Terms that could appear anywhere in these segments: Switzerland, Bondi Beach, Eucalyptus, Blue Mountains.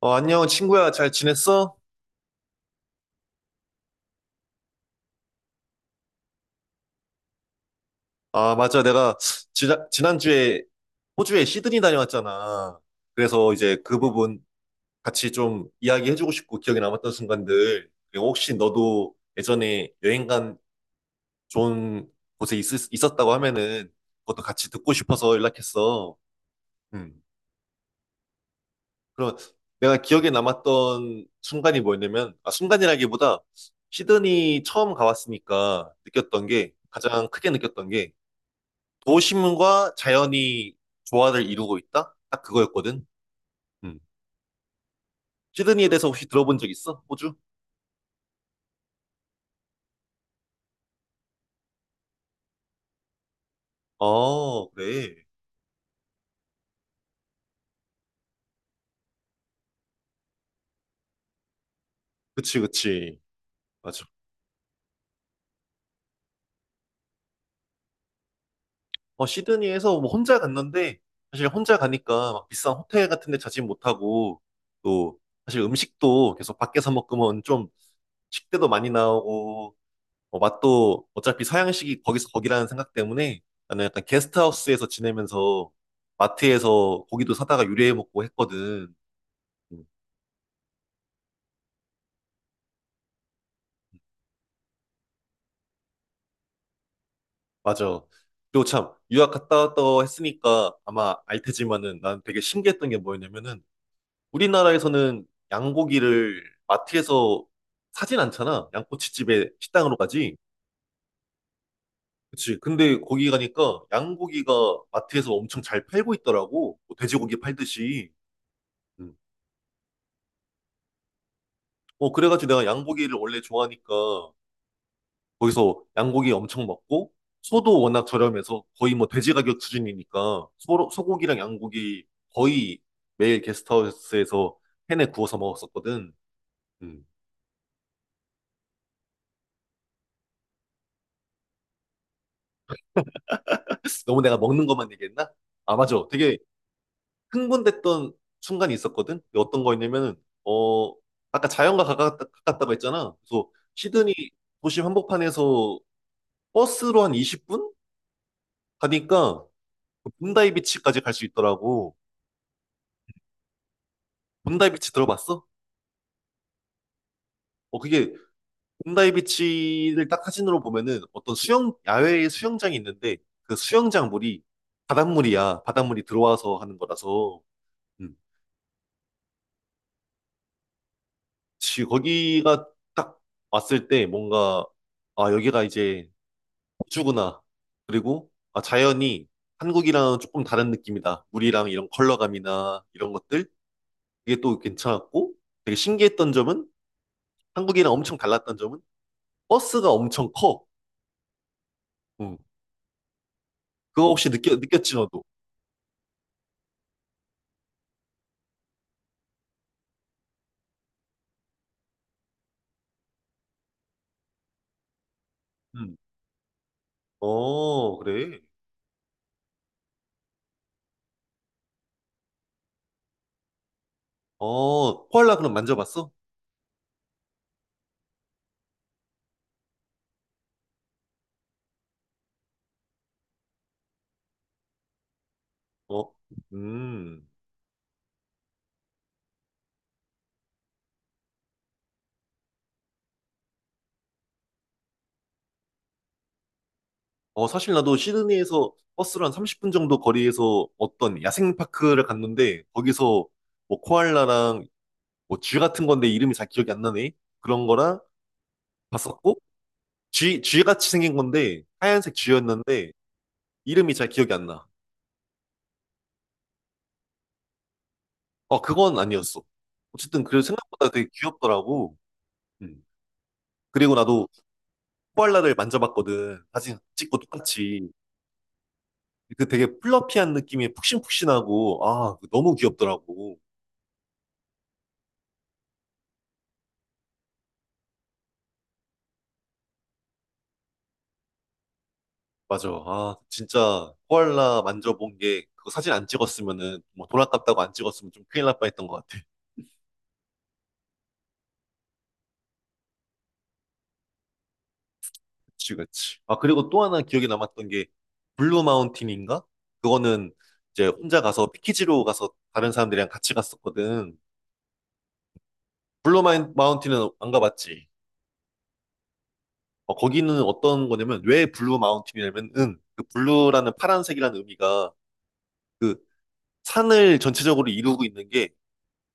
안녕, 친구야. 잘 지냈어? 아, 맞아. 내가 지난주에 호주에 시드니 다녀왔잖아. 그래서 이제 그 부분 같이 좀 이야기해주고 싶고 기억에 남았던 순간들. 그리고 혹시 너도 예전에 여행 간 좋은 곳에 있었다고 하면은 그것도 같이 듣고 싶어서 연락했어. 음. 그럼 내가 기억에 남았던 순간이 뭐였냐면, 아, 순간이라기보다 시드니 처음 가봤으니까 느꼈던 게, 가장 크게 느꼈던 게 도심과 자연이 조화를 이루고 있다? 딱 그거였거든. 음. 시드니에 대해서 혹시 들어본 적 있어? 호주? 어, 그래. 그치, 그치. 맞아. 시드니에서 뭐 혼자 갔는데, 사실 혼자 가니까 막 비싼 호텔 같은 데 자진 못하고, 또, 사실 음식도 계속 밖에서 먹으면 좀 식대도 많이 나오고, 맛도 어차피 서양식이 거기서 거기라는 생각 때문에 나는 약간 게스트하우스에서 지내면서 마트에서 고기도 사다가 요리해 먹고 했거든. 음. 맞아. 그리고 참, 유학 갔다 왔다 했으니까 아마 알 테지만은 난 되게 신기했던 게 뭐였냐면은 우리나라에서는 양고기를 마트에서 사진 않잖아. 양꼬치집에 식당으로 가지. 그치. 근데 거기 가니까 양고기가 마트에서 엄청 잘 팔고 있더라고. 뭐 돼지고기 팔듯이. 음. 그래가지고 내가 양고기를 원래 좋아하니까 거기서 양고기 엄청 먹고 소도 워낙 저렴해서 거의 뭐 돼지 가격 수준이니까 소고기랑 양고기 거의 매일 게스트하우스에서 팬에 구워서 먹었었거든. 음. 너무 내가 먹는 것만 얘기했나? 아, 맞아. 되게 흥분됐던 순간이 있었거든. 근데 어떤 거였냐면은, 어, 아까 자연과 가깝다고 했잖아. 그래서 시드니 도시 한복판에서 버스로 한 20분? 가니까 본다이 비치까지 갈 수 있더라고. 본다이 비치 들어봤어? 어, 그게 홈다이 비치를 딱 사진으로 보면은 어떤 야외에 수영장이 있는데 그 수영장 물이 바닷물이야. 바닷물이 들어와서 하는 거라서. 음. 거기가 딱 왔을 때 뭔가, 아, 여기가 이제 우주구나. 그리고, 아, 자연이 한국이랑 조금 다른 느낌이다. 물이랑 이런 컬러감이나 이런 것들. 이게 또 괜찮았고 되게 신기했던 점은 한국이랑 엄청 달랐던 점은 버스가 엄청 커. 음. 그거 혹시 느꼈지, 너도? 어, 그래. 어, 코알라 그럼 만져봤어? 어, 음. 사실 나도 시드니에서 버스로 한 30분 정도 거리에서 어떤 야생파크를 갔는데, 거기서 뭐 코알라랑 뭐 쥐 같은 건데 이름이 잘 기억이 안 나네. 그런 거랑 봤었고, 쥐 같이 생긴 건데, 하얀색 쥐였는데, 이름이 잘 기억이 안 나. 어, 그건 아니었어. 어쨌든, 그래서 생각보다 되게 귀엽더라고. 음. 그리고 나도 코알라를 만져봤거든. 사진 찍고 똑같이. 그 되게 플러피한 느낌이 푹신푹신하고, 아, 그거 너무 귀엽더라고. 맞아. 아, 진짜 코알라 만져본 게, 그거 사진 안 찍었으면은, 뭐 돈 아깝다고 안 찍었으면 좀 큰일 날 뻔했던 것 같아. 그치, 그치. 아, 그리고 또 하나 기억에 남았던 게, 블루 마운틴인가? 그거는 이제 혼자 가서 패키지로 가서 다른 사람들이랑 같이 갔었거든. 블루 마운틴은안 가봤지. 어, 거기는 어떤 거냐면, 왜 블루 마운틴이냐면은, 그 블루라는 파란색이라는 의미가, 그 산을 전체적으로 이루고 있는 게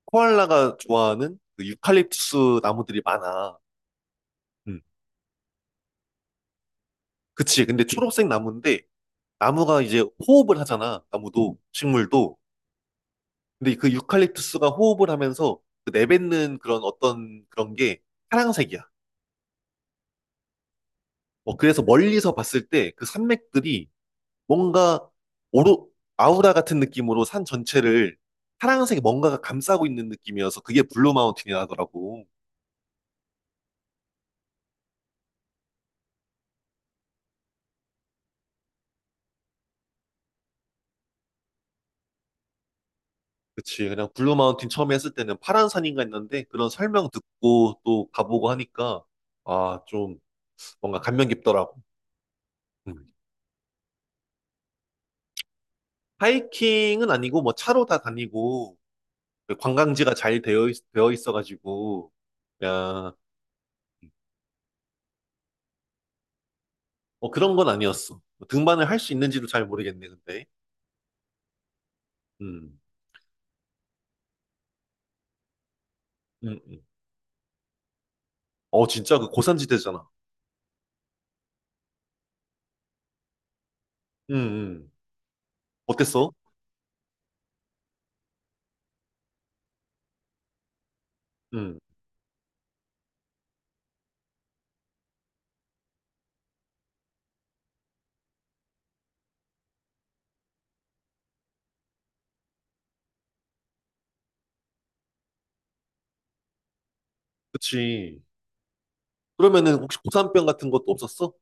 코알라가 좋아하는 그 유칼립투스 나무들이 많아. 음, 그치. 근데 초록색 나무인데 나무가 이제 호흡을 하잖아. 나무도 식물도. 근데 그 유칼립투스가 호흡을 하면서 그 내뱉는 그런 어떤 그런 게 파랑색이야. 어, 그래서 멀리서 봤을 때 그 산맥들이 뭔가 오로 아우라 같은 느낌으로 산 전체를 파랑색 뭔가가 감싸고 있는 느낌이어서 그게 블루 마운틴이 나더라고. 그치. 그냥 블루 마운틴 처음 에 했을 때는 파란 산인가 했는데 그런 설명 듣고 또 가보고 하니까 아, 좀 뭔가 감명 깊더라고. 음. 하이킹은 아니고 뭐 차로 다 다니고 그 관광지가 잘 되어 있어가지고 야, 뭐 그런 건 아니었어. 뭐 등반을 할 수 있는지도 잘 모르겠네, 근데. 음, 음, 음. 어, 진짜 그 고산지대잖아. 음, 음. 어땠어? 음, 그치. 그러면은 혹시 고산병 같은 것도 없었어?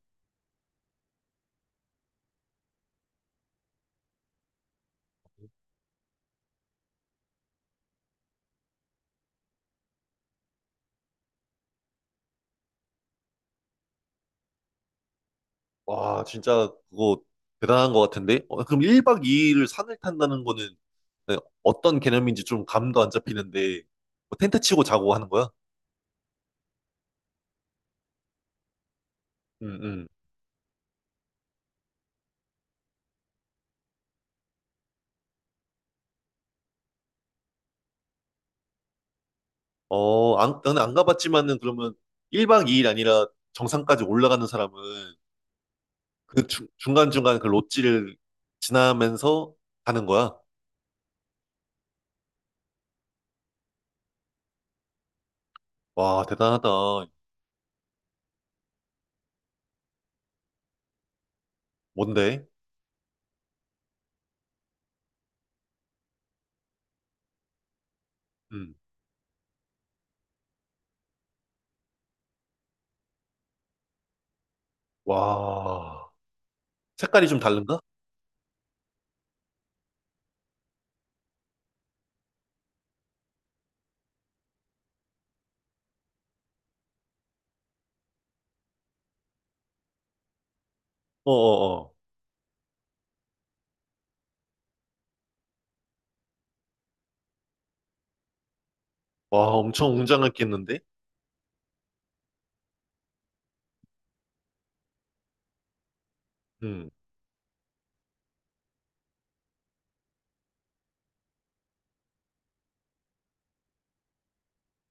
와, 진짜 그거 대단한 것 같은데? 어, 그럼 1박 2일을 산을 탄다는 거는 네, 어떤 개념인지 좀 감도 안 잡히는데, 뭐 텐트 치고 자고 하는 거야? 음, 음. 어, 안, 나는 안 가봤지만은 그러면 1박 2일 아니라 정상까지 올라가는 사람은 그 중간중간 그 롯지를 지나면서 가는 거야? 와, 대단하다. 뭔데? 음. 와, 색깔이 좀 다른가? 어어어. 와, 엄청 웅장했겠는데? 음.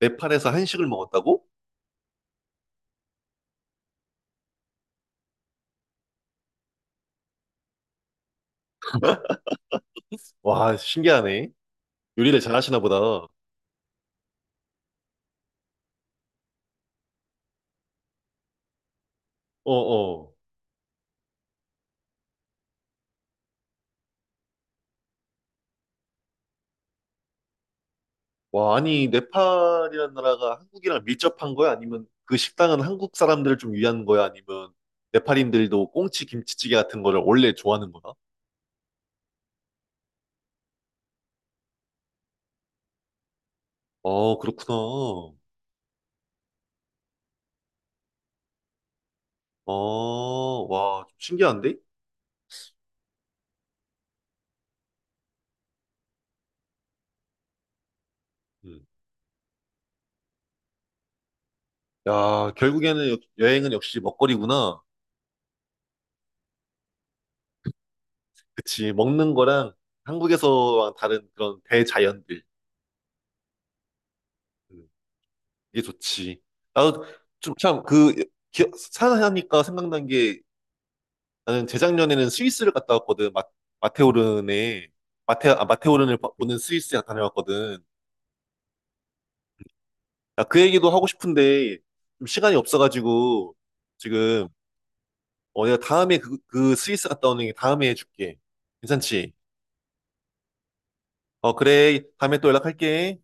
네팔에서 한식을 먹었다고? 와, 신기하네. 요리를 잘하시나 보다. 어, 어. 와, 아니, 네팔이라는 나라가 한국이랑 밀접한 거야? 아니면 그 식당은 한국 사람들을 좀 위한 거야? 아니면 네팔인들도 꽁치 김치찌개 같은 거를 원래 좋아하는 거야? 어, 그렇구나. 어, 와, 좀 신기한데? 음. 야, 결국에는 여행은 역시 먹거리구나. 그치, 먹는 거랑 한국에서와 다른 그런 대자연들. 음. 이게 좋지. 나도 좀 참 그 산하니까 생각난 게 나는 재작년에는 스위스를 갔다 왔거든. 마테오른에 마테 아 마테오른을 보는 스위스에 다녀왔거든. 나 그 얘기도 하고 싶은데 좀 시간이 없어가지고 지금 내가 다음에 그 스위스 갔다 오는 게 다음에 해줄게. 괜찮지? 그래 다음에 또 연락할게.